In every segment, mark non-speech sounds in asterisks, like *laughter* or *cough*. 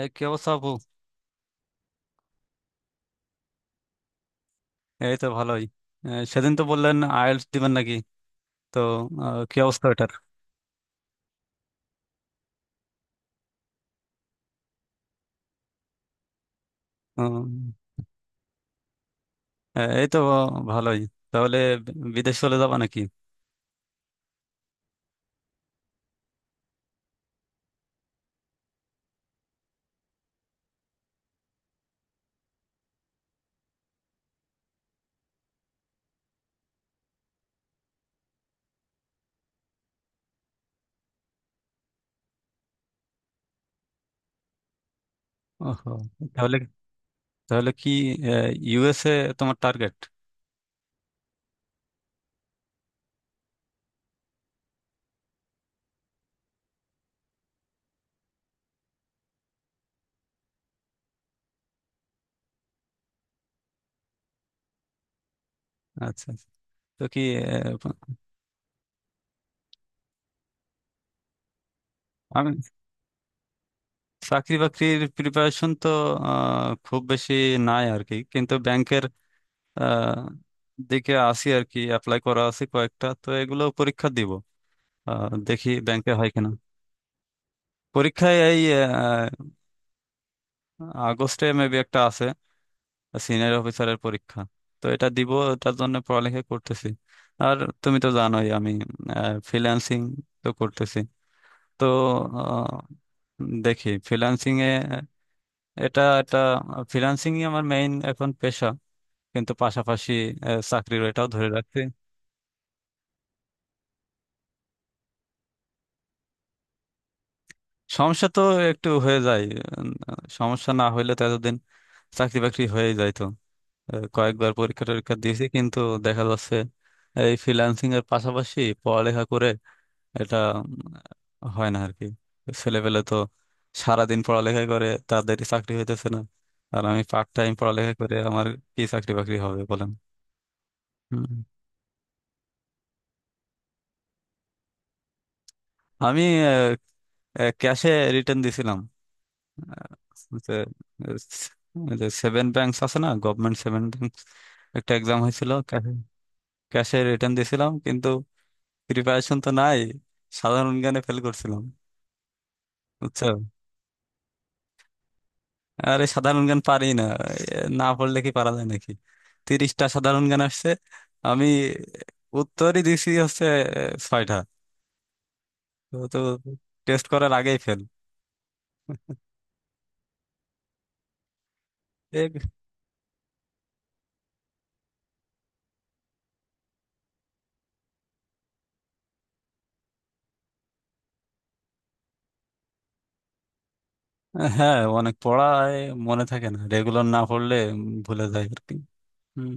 এই কি অবস্থা আপু? এই তো ভালোই। সেদিন তো বললেন আইএলটিএস দিবেন নাকি? তো কি অবস্থা এটার? উম, এই তো ভালোই। তাহলে বিদেশ চলে যাবা নাকি? ওহো। তাহলে, তাহলে কি ইউএসএ তোমার টার্গেট? আচ্ছা, আচ্ছা। তো কি আহ, আমি চাকরি বাকরির প্রিপারেশন তো খুব বেশি নাই আর কি, কিন্তু ব্যাংকের আহ, দিকে আসি আর কি। অ্যাপ্লাই করা আছে কয়েকটা, তো এগুলো পরীক্ষা দিব। দেখি ব্যাংকে হয় কিনা। পরীক্ষায় এই আগস্টে মেবি একটা আছে, সিনিয়র অফিসারের পরীক্ষা। তো এটা দিব, এটার জন্য পড়ালেখা করতেছি। আর তুমি তো জানোই আমি ফ্রিল্যান্সিং তো করতেছি। তো আহ, দেখি ফ্রিল্যান্সিং এ এটা এটা ফ্রিল্যান্সিং আমার মেইন এখন পেশা, কিন্তু পাশাপাশি চাকরির এটাও ধরে রাখছি। সমস্যা তো একটু হয়ে যায়। উম, সমস্যা না হইলে তো এতদিন চাকরি বাকরি হয়ে যাইতো। কয়েকবার পরীক্ষা টরীক্ষা দিয়েছি, কিন্তু দেখা যাচ্ছে এই ফ্রিল্যান্সিং এর পাশাপাশি পড়ালেখা করে এটা হয় না আর কি। ছেলেপেলে তো সারাদিন পড়ালেখা করে তাদের চাকরি হইতেছে না, আর আমি পার্ট টাইম পড়ালেখা করে আমার কি চাকরি বাকরি হবে বলেন? হুম। আমি ক্যাশে রিটার্ন দিছিলাম, যে সেভেন ব্যাংকস আছে না, গভর্নমেন্ট সেভেন ব্যাংকস, একটা এক্সাম হয়েছিল। ক্যাশে রিটার্ন দিছিলাম, কিন্তু প্রিপারেশন তো নাই, সাধারণ গানে ফেল করছিলাম, বুঝছো? আরে সাধারণ গান পারি না, না পড়লে কি পারা যায় নাকি? 30টা সাধারণ গান আসছে, আমি উত্তরই দিছি হচ্ছে এ, ছয়টা। তো তো টেস্ট করার আগেই ফেল। এ- হ্যাঁ অনেক পড়ায়, মনে থাকে না রেগুলার না পড়লে, ভুলে যায় আর কি। হুম।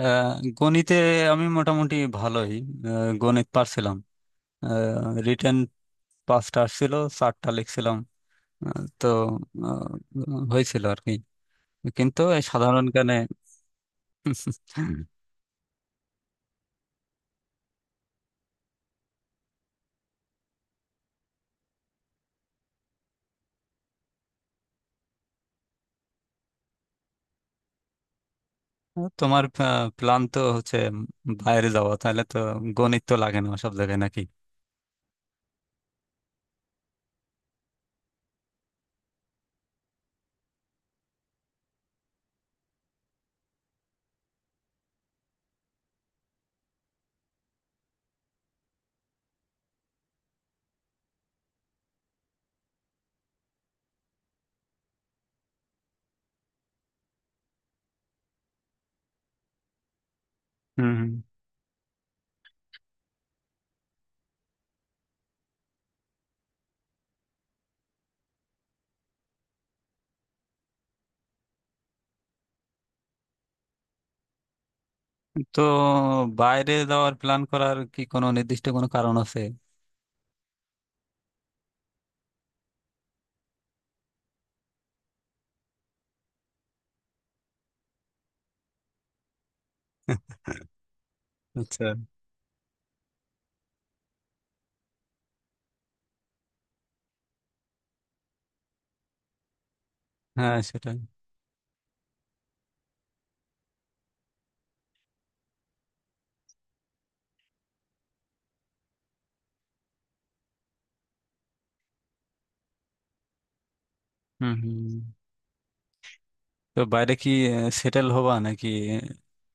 আহ, গণিতে আমি মোটামুটি ভালোই, গণিত পারছিলাম। রিটেন পাঁচটা আসছিল, চারটা লিখছিলাম। আহ, তো হয়েছিল আর কি, কিন্তু এই সাধারণ জ্ঞানে। *laughs* তোমার প্ল্যান তো হচ্ছে বাইরে যাওয়া, তাহলে তো গণিত তো লাগে না সব জায়গায় নাকি? হুম হুম। তো বাইরে যাওয়ার প্ল্যান করার কি কোনো নির্দিষ্ট কোনো কারণ আছে? আচ্ছা। হ্যাঁ সেটাই। হুম হুম। তো বাইরে কি সেটেল হবা নাকি?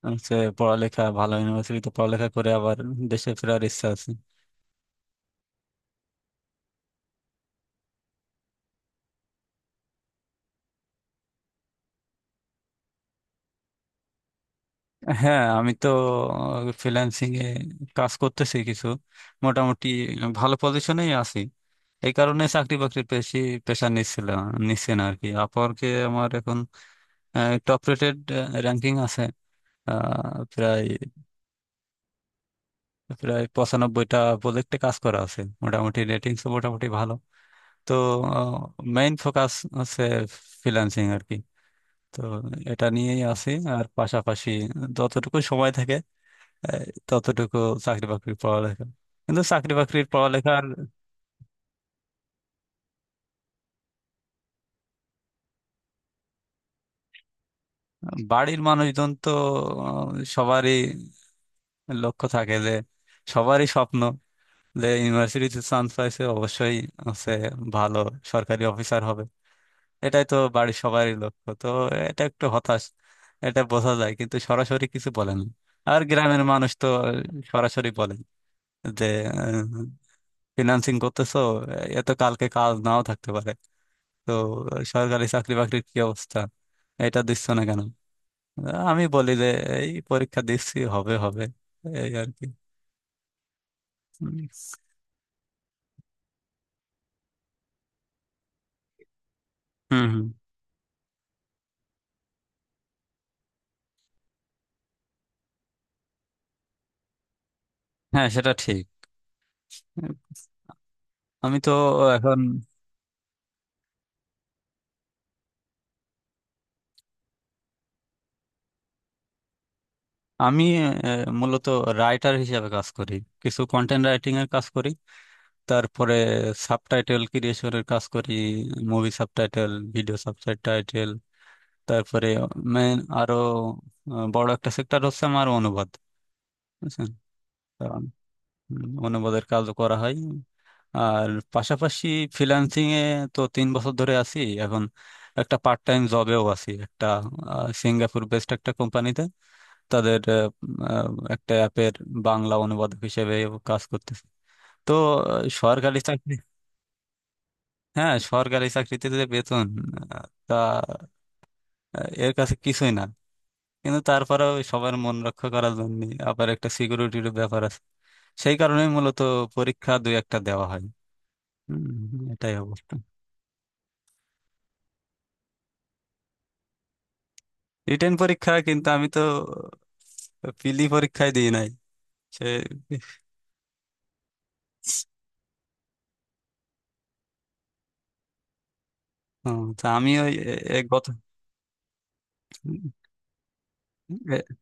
হচ্ছে পড়ালেখা ভালো ইউনিভার্সিটিতে পড়ালেখা করে আবার দেশে ফেরার ইচ্ছা আছে? হ্যাঁ আমি তো ফ্রিল্যান্সিং এ কাজ করতেছি কিছু, মোটামুটি ভালো পজিশনেই আছি। এই কারণে চাকরি বাকরির বেশি প্রেশার নিচ্ছিলাম, নিচ্ছে না আর কি। আপওয়ার্কে আমার এখন টপ রেটেড র্যাঙ্কিং আছে। আহ, প্রায় প্রায় 95টা প্রজেক্টে কাজ করা আছে, মোটামুটি রেটিংস মোটামুটি ভালো। তো মেইন ফোকাস হচ্ছে ফ্রিল্যান্সিং আর কি। তো এটা নিয়েই আছি। আর পাশাপাশি যতটুকু সময় থাকে এই ততটুকু চাকরি বাকরির পড়ালেখা। কিন্তু চাকরি বাকরির পড়ালেখার বাড়ির মানুষজন তো আহ, সবারই লক্ষ্য থাকে যে, সবারই স্বপ্ন যে ইউনিভার্সিটিতে চান্স পাইছে অবশ্যই হচ্ছে ভালো সরকারি অফিসার হবে, এটাই তো বাড়ির সবারই লক্ষ্য তো। এটা একটু হতাশ, এটা বোঝা যায়, কিন্তু সরাসরি কিছু বলেন না। আর গ্রামের মানুষ তো সরাসরি বলেন যে, ফিনান্সিং করতেছো, এ তো কালকে কাজ নাও থাকতে পারে, তো সরকারি চাকরি বাকরির কি অবস্থা, এটা দিচ্ছ না কেন? আমি বলি যে এই পরীক্ষা দিচ্ছি, হবে হবে, এই আর কি। হুম হুম হুম। হ্যাঁ সেটা ঠিক। আমি তো এখন আমি মূলত রাইটার হিসেবে কাজ করি, কিছু কন্টেন্ট রাইটিং এর কাজ করি। তারপরে সাবটাইটেল ক্রিয়েশনের কাজ করি, মুভি সাবটাইটেল, ভিডিও সাবটাইটেল। তারপরে মেন আরো বড় একটা সেক্টর হচ্ছে আমার অনুবাদ, বুঝছেন? অনুবাদের কাজও করা হয়। আর পাশাপাশি ফ্রিল্যান্সিং এ তো 3 বছর ধরে আছি এখন। একটা পার্ট টাইম জবেও আছি একটা, সিঙ্গাপুর বেসড একটা কোম্পানিতে। তাদের আহ, আহ, একটা অ্যাপের বাংলা অনুবাদক হিসেবে কাজ করতেছি। তো সরকারি চাকরি, হ্যাঁ সরকারি চাকরিতে যে বেতন আহ, তা এর কাছে কিছুই না। কিন্তু তারপরেও সবার মন রক্ষা করার জন্য, আবার একটা সিকিউরিটির ব্যাপার আছে, সেই কারণে মূলত পরীক্ষা দুই একটা দেওয়া হয়। হুম, হুম, এটাই অবস্থা। রিটেন পরীক্ষা, কিন্তু আমি তো পিলি পরীক্ষায় দিই নাই সে। হুম, তা আমি ওই এ- এ গত এ-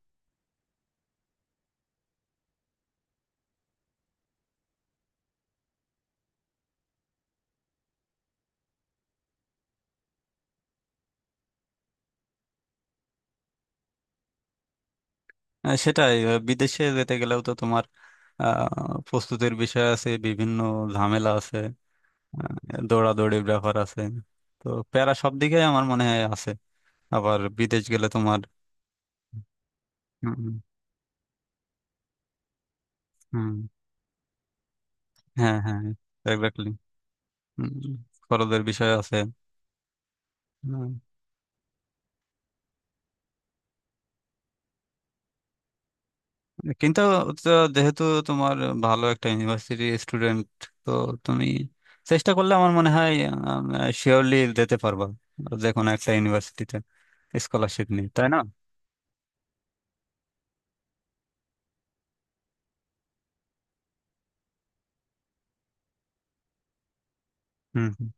সেটাই। বিদেশে যেতে গেলেও তো তোমার প্রস্তুতির বিষয় আছে, বিভিন্ন ঝামেলা আছে, দৌড়াদৌড়ির ব্যাপার আছে। তো প্যারা সব দিকে আমার মনে হয় আছে। আবার বিদেশ গেলে তোমার, হুম, হুম, হ্যাঁ হ্যাঁ, এক্স্যাক্টলি, খরচের বিষয় আছে। কিন্তু তো যেহেতু তোমার ভালো একটা ইউনিভার্সিটি স্টুডেন্ট, তো তুমি চেষ্টা করলে আমার মনে হয় শিওরলি দিতে পারবা যে কোনো একটা ইউনিভার্সিটিতে স্কলারশিপ নিয়ে, তাই না? হুম হুম।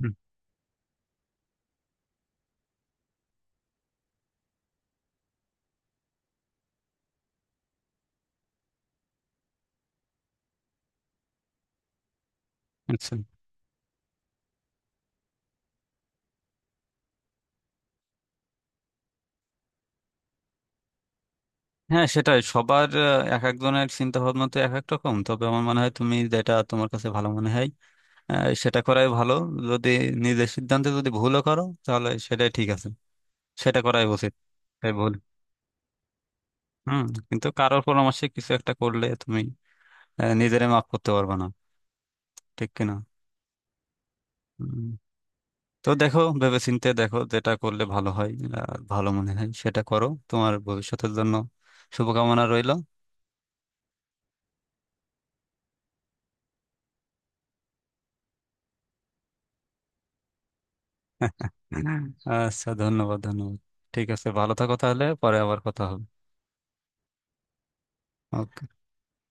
হুম, আচ্ছা। হ্যাঁ সেটাই। সবার এক একজনের চিন্তা ভাবনা তো এক এক রকম। তবে আমার মনে হয় তুমি যেটা তোমার কাছে ভালো মনে হয় সেটা করাই ভালো। যদি নিজের সিদ্ধান্তে যদি ভুলও করো তাহলে সেটাই ঠিক আছে, সেটা করাই উচিত। তাই ভুল। হুম। কিন্তু কারোর পরামর্শে কিছু একটা করলে তুমি নিজেরে মাফ করতে পারবো না, ঠিক কিনা? হুম। তো দেখো ভেবেচিন্তে দেখো যেটা করলে ভালো হয়, ভালো মনে হয় সেটা করো। তোমার ভবিষ্যতের জন্য শুভকামনা রইল। *laughs* আচ্ছা, ধন্যবাদ ধন্যবাদ। ঠিক আছে ভালো থাকো, তাহলে পরে আবার কথা হবে। ওকে।